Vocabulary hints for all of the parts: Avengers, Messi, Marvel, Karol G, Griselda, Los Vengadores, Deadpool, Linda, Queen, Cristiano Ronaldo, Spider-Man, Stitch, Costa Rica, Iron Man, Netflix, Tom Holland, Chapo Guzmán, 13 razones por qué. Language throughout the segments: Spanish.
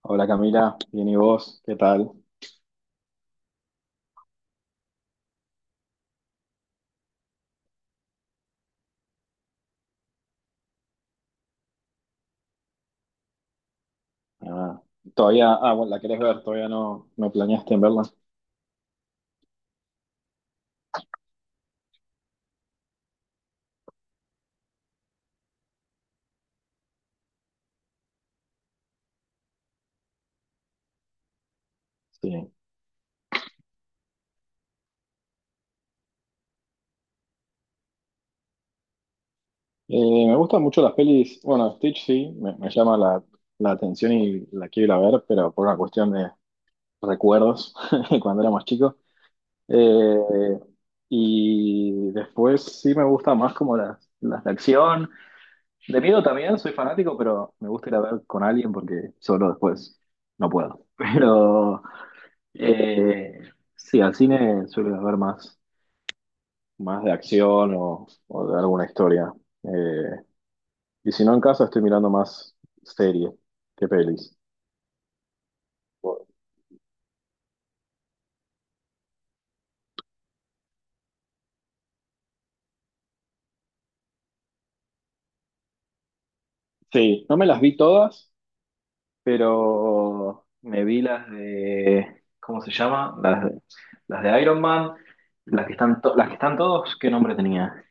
Hola Camila, bien y vos, ¿qué tal? Ah, bueno, la querés ver, todavía no planeaste en verla. Sí. Me gustan mucho las pelis, bueno, Stitch sí, me llama la atención y la quiero ir a ver, pero por una cuestión de recuerdos, de cuando éramos chicos. Eh, y después sí me gusta más como las de acción. De miedo también, soy fanático, pero me gusta ir a ver con alguien porque solo después no puedo. Pero... Eh, sí, al cine suele haber más de acción o de alguna historia. Eh, y si no en casa estoy mirando más series que pelis. Sí, no me las vi todas, pero me vi las de, ¿cómo se llama? Las de Iron Man, las que están, las que están todos, ¿qué nombre tenía?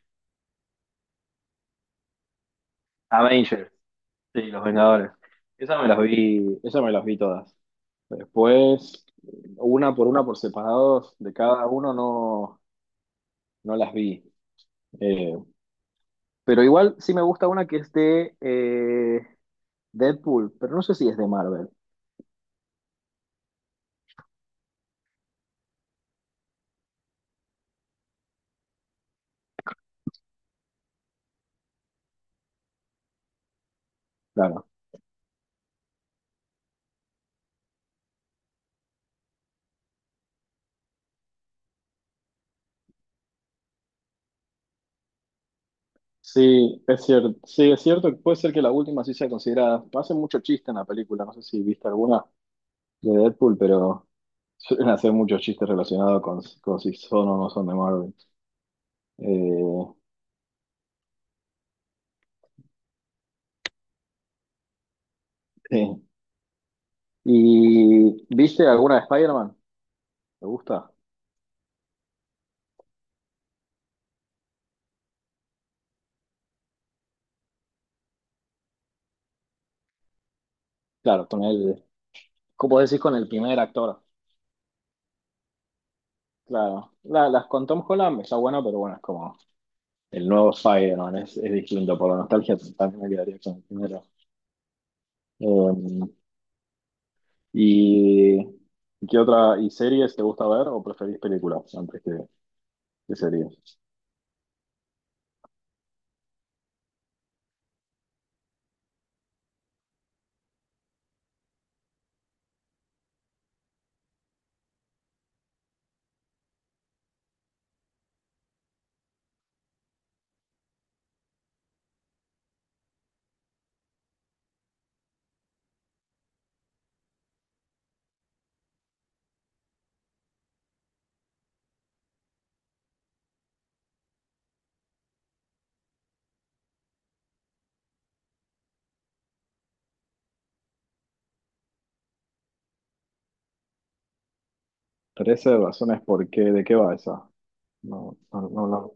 Avengers, sí, Los Vengadores. Esas me las vi, esas me las vi todas. Después, una por separados de cada uno no, no las vi. Eh, pero igual sí me gusta una que es de Deadpool, pero no sé si es de Marvel. Claro. Sí, es cierto. Sí, es cierto que puede ser que la última sí sea considerada. Hacen mucho chiste en la película, no sé si viste alguna de Deadpool, pero suelen hacer muchos chistes relacionados con si son o no son de Marvel. Eh, sí. ¿Y viste alguna de Spider-Man? ¿Te gusta? Claro, con él. Como decís, con el primer actor, claro. Las con Tom Holland está bueno, pero bueno, es como el nuevo Spider-Man, es distinto. Por la nostalgia también me quedaría con el primero. Eh, ¿Y qué otra? ¿Y series te gusta ver o preferís películas antes que series? 13 razones por qué, ¿de qué va esa? No, no, no, no.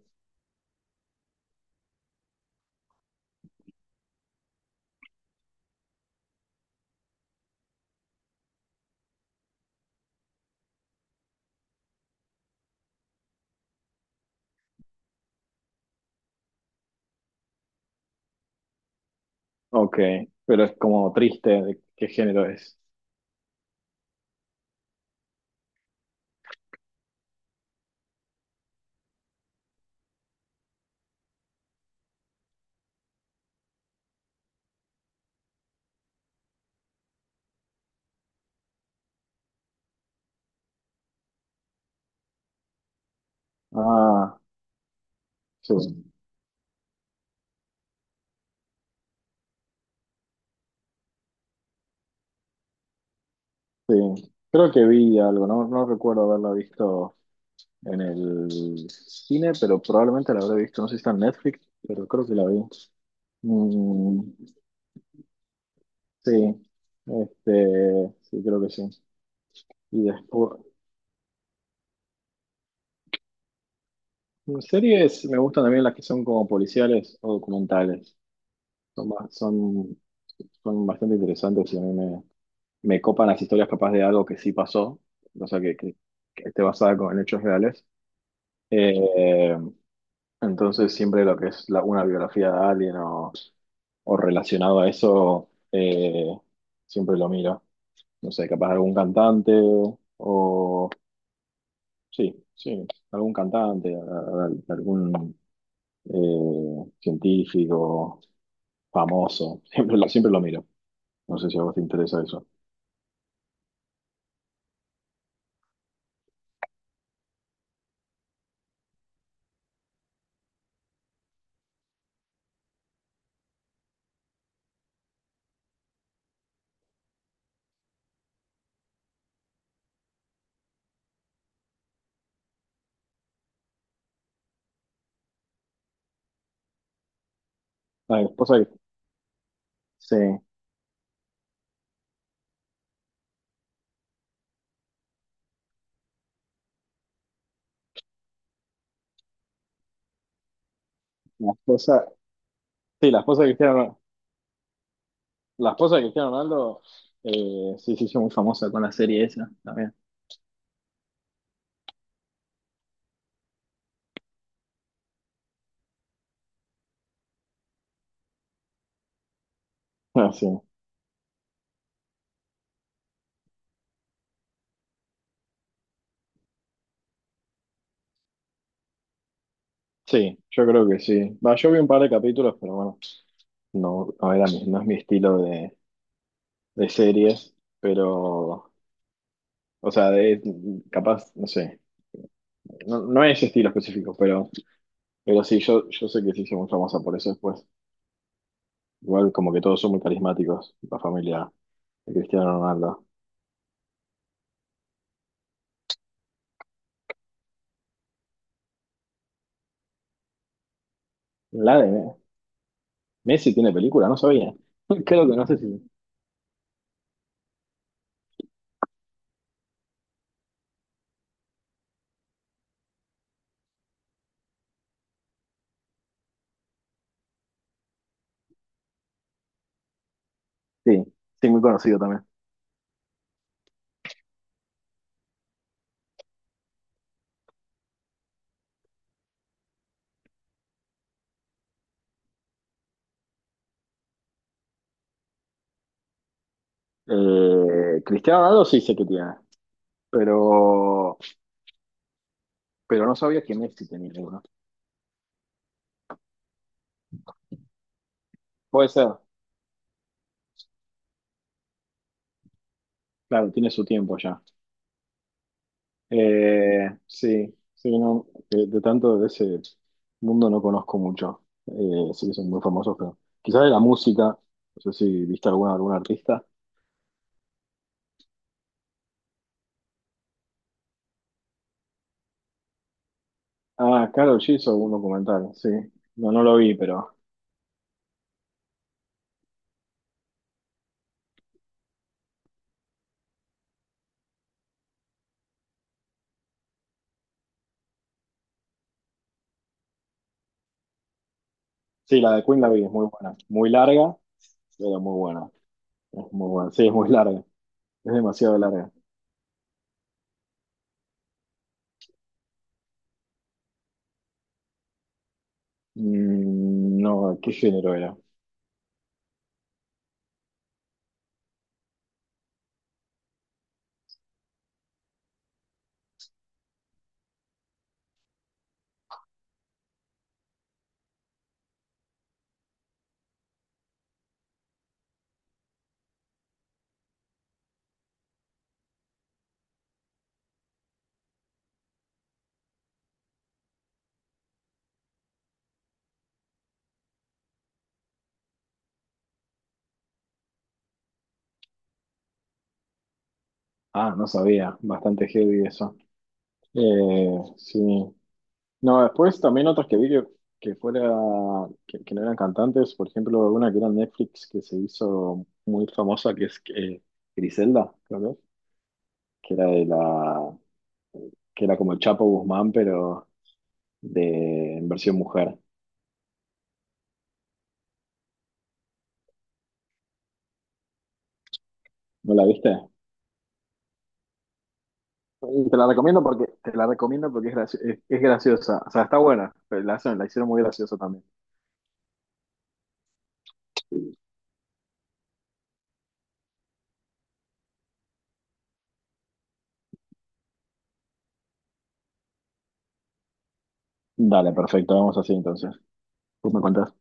Ok, pero es como triste, ¿de qué género es? Ah, sí, sí. Creo que vi algo, no, no recuerdo haberla visto en el cine, pero probablemente la habré visto. No sé si está en Netflix, pero creo que la vi. Mm, sí, este, sí, creo que sí. Y después, series me gustan también las que son como policiales o documentales. Son, son, son bastante interesantes y a me copan las historias capaz de algo que sí pasó, o sea, que esté en hechos reales. Eh, entonces siempre lo que es una biografía de alguien o relacionado a eso, siempre lo miro. No sé, capaz algún cantante o... Sí, sí, algún cantante, algún científico famoso. Siempre lo miro. No sé si a vos te interesa eso. La esposa de- sí, la esposa, sí, la esposa de Cristiano, la esposa de Cristiano Ronaldo, sí, se hizo muy famosa con la serie esa también. Ah, sí. Sí, yo creo que sí. Va, yo vi un par de capítulos, pero bueno. No, no era mi, no es mi estilo de series, pero, o sea, de, capaz, no sé, no, no es ese estilo específico, pero sí, yo sé que se hizo muy famosa por eso después. Igual como que todos son muy carismáticos, la familia de Cristiano Ronaldo. La de Me- Messi tiene película, no sabía. Creo que no sé si... Sí, sí, muy conocido también. Cristiano Ronaldo sí sé que tiene, pero, pero no sabía que Messi tenía uno. Puede ser, claro, tiene su tiempo ya. Sí, sí, no, de tanto de ese mundo no conozco mucho. Sí que son muy famosos, pero quizás de la música, no sé si viste alguna, algún artista. Ah, Karol G hizo un documental, sí. No, no lo vi, pero sí, la de Queen la vi, es muy buena. Muy larga, pero muy buena. Es muy buena, sí, es muy larga. Es demasiado larga. Mm, no, ¿qué género era? Ah, no sabía, bastante heavy eso. Sí. No, después también otras que vi que fuera, que no eran cantantes, por ejemplo, una que era en Netflix que se hizo muy famosa, que es Griselda, creo que, es, que era de la, que era como el Chapo Guzmán, pero de en versión mujer. ¿No la viste? Y te la recomiendo porque, te la recomiendo porque es, es graciosa. O sea, está buena, pero la, la hicieron muy graciosa también. Dale, perfecto, vamos así entonces. Tú me contás.